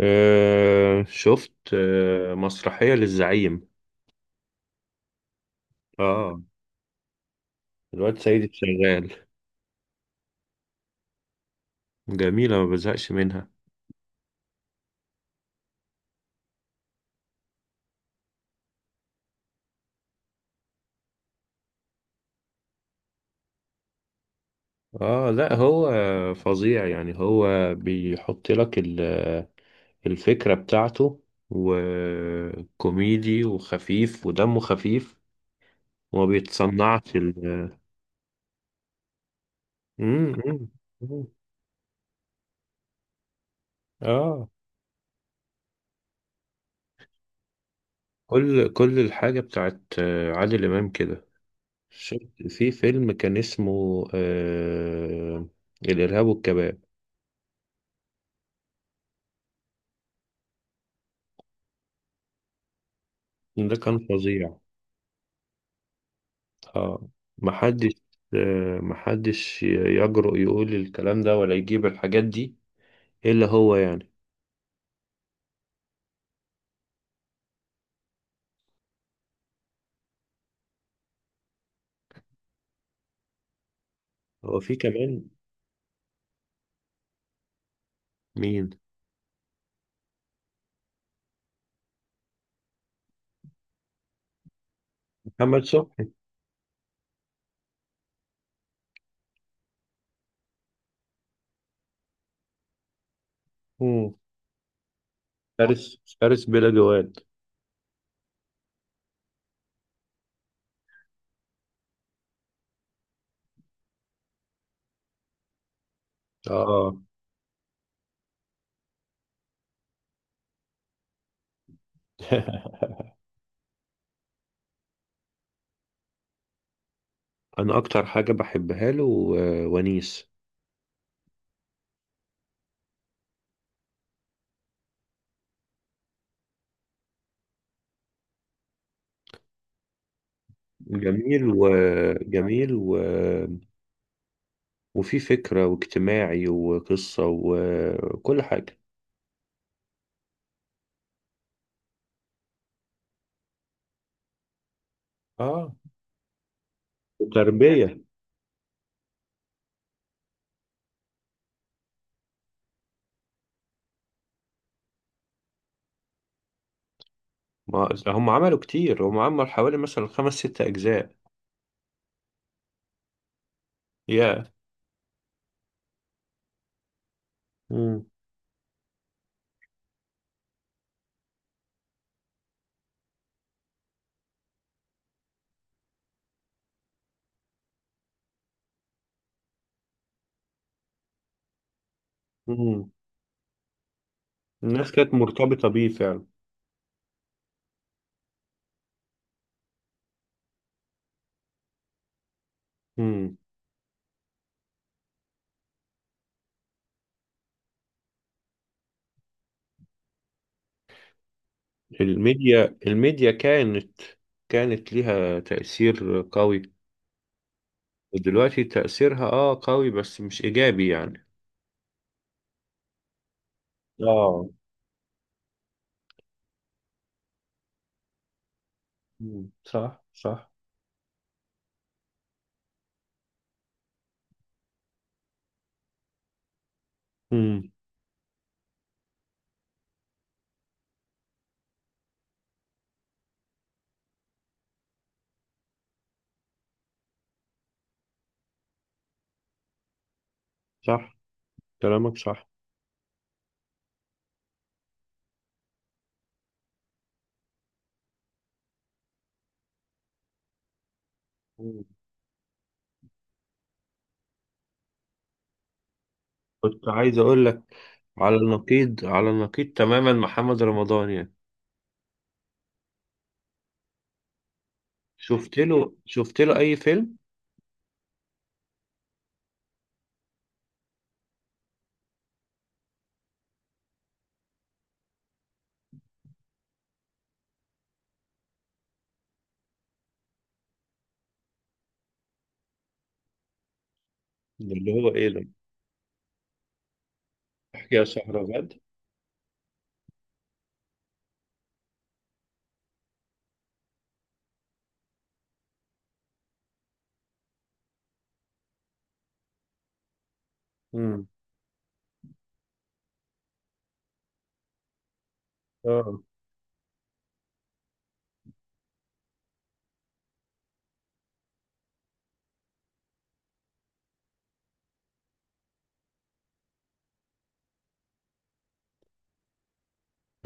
شفت مسرحية للزعيم. اه، الواد سيد شغال. جميلة، ما بزهقش منها. اه، لا هو فظيع يعني. هو بيحط لك الفكرة بتاعته، وكوميدي وخفيف ودمه خفيف، وما بيتصنعش ال مم، مم، مم. اه، كل الحاجة بتاعت عادل إمام كده. شفت في فيلم كان اسمه الإرهاب والكباب. ده كان فظيع. اه، محدش، آه محدش يجرؤ يقول الكلام ده ولا يجيب الحاجات دي إلا هو يعني. هو في كمان. مين؟ محمد صبحي. مم. فارس بلا جواد. اه. أنا أكتر حاجة بحبها له ونيس. جميل وجميل، وفي فكرة واجتماعي وقصة وكل حاجة. اه، وتربية. ما هم عملوا كتير، هم عملوا حوالي مثلا خمس ست أجزاء. يا، امم. مم. الناس كانت مرتبطة بيه فعلا. مم. الميديا كانت، كانت ليها تأثير قوي، ودلوقتي تأثيرها اه قوي بس مش إيجابي يعني. اه. مم. صح، صح. مم. صح، كلامك صح. مم. كنت عايز أقول لك، على النقيض، على النقيض تماما محمد رمضان يعني. شفت له، شفت له اي فيلم؟ ده اللي هو ايه ده؟ احكي يا شهرزاد. امم، اه.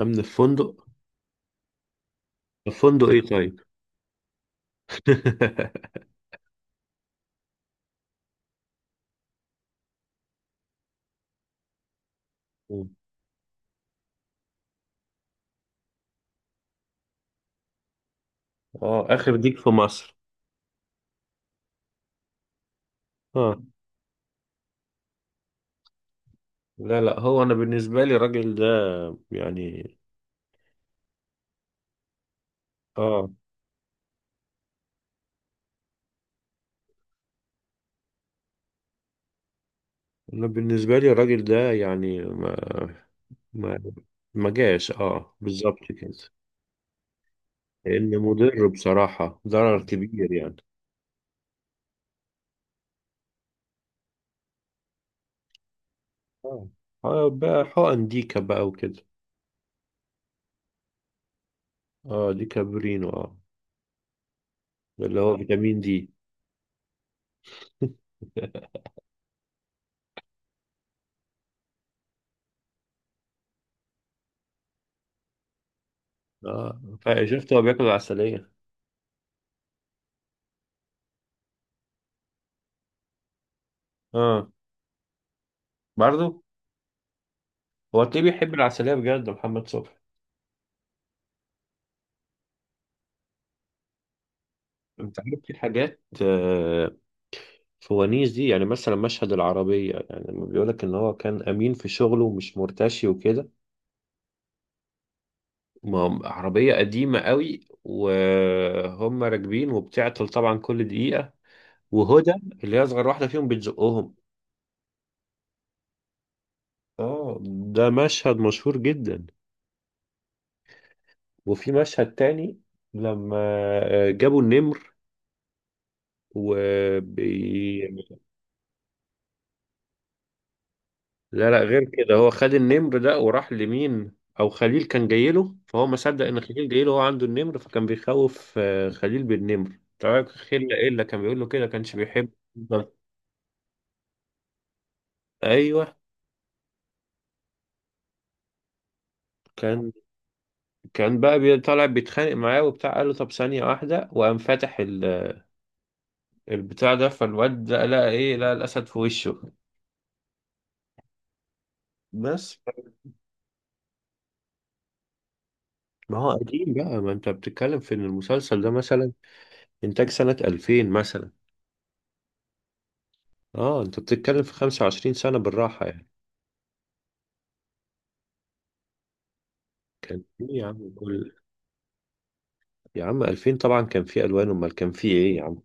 امن الفندق؟ الفندق ايه طيب؟ مم. اه، اخر ديك في مصر. اه، لا لا، هو انا بالنسبه لي الراجل ده يعني. اه، انا بالنسبه لي الراجل ده يعني ما، ما، ما جاش اه بالظبط كده. لان مضر بصراحه، ضرر كبير يعني. اه. بقى حقن ديكه بقى وكده. اه، دي كابورينو اه. ده اللي هو اه فيتامين دي. اه، شفته هو بياكل عسلية. اه، برضه. هو تلاقيه بيحب العسلية بجد، محمد صبحي؟ انت عارف في حاجات فوانيس دي. يعني مثلا مشهد العربية، يعني لما بيقولك ان هو كان امين في شغله ومش مرتشي وكده. ما عربية قديمة قوي وهم راكبين وبتعطل طبعا كل دقيقة، وهدى اللي هي اصغر واحدة فيهم بتزقهم. اه، ده مشهد مشهور جدا. وفي مشهد تاني لما جابوا النمر و بي... لا لا، غير كده. هو خد النمر ده وراح لمين او خليل كان جاي له، فهو ما صدق ان خليل جاي له هو عنده النمر، فكان بيخوف خليل بالنمر. طبعا خلة ايه اللي كان بيقول له كده، كانش بيحب. ايوه. كان، طالع بيتخانق معاه وبتاع، قال له طب ثانية واحدة وقام فاتح البتاع ده، فالواد ده لقى ايه؟ لقى الاسد في وشه. بس ما هو قديم بقى. ما انت بتتكلم في ان المسلسل ده مثلا انتاج سنة 2000 مثلا. اه، انت بتتكلم في 25 سنة بالراحة يعني. كان في إيه يا عم؟ كل، يا عم 2000 طبعا كان في الوان، امال كان في ايه يا عم؟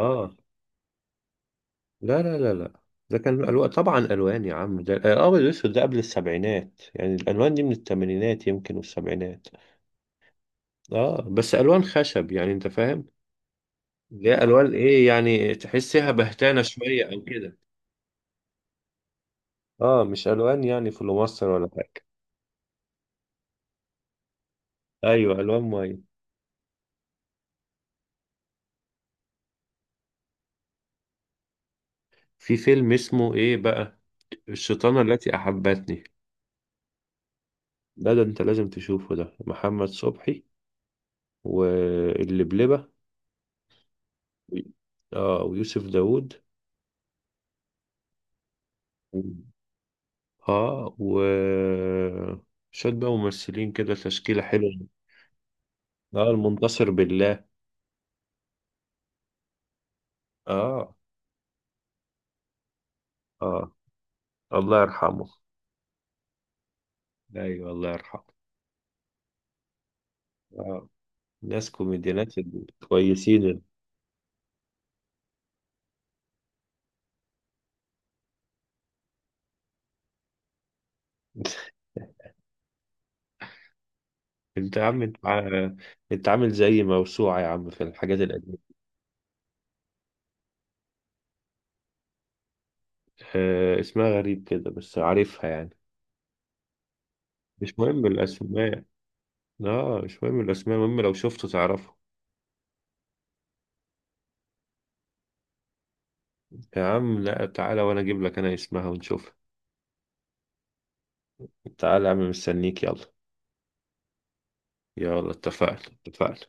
اه لا لا لا لا، ده كان الوان طبعا. الوان يا عم، ده الابيض والاسود ده قبل السبعينات. يعني الالوان دي من الثمانينات يمكن والسبعينات. اه، بس الوان خشب يعني، انت فاهم، اللي هي الوان ايه يعني، تحسها بهتانة شوية او كده. اه مش الوان يعني في مصر ولا حاجة. ايوه، الوان ميه. في فيلم اسمه ايه بقى، الشيطانه التي احبتني. ده ده انت لازم تشوفه، ده محمد صبحي واللبلبه و، اه، ويوسف داوود و، اه، و شوية بقى ممثلين كده، تشكيلة حلوة. اه، المنتصر بالله. اه. اه الله يرحمه. ايوه الله يرحمه. اه، ناس كوميديانات كويسين. انت يا عم، انت انت عامل زي موسوعة يا عم في الحاجات القديمة. اسمها غريب كده بس عارفها يعني. مش مهم الأسماء. اه مش مهم الأسماء، المهم لو شفته تعرفه. يا عم لا، تعالى وأنا أجيب لك أنا اسمها ونشوفها. تعالى يا عم، مستنيك، يلا. يلا، اتفقنا اتفقنا.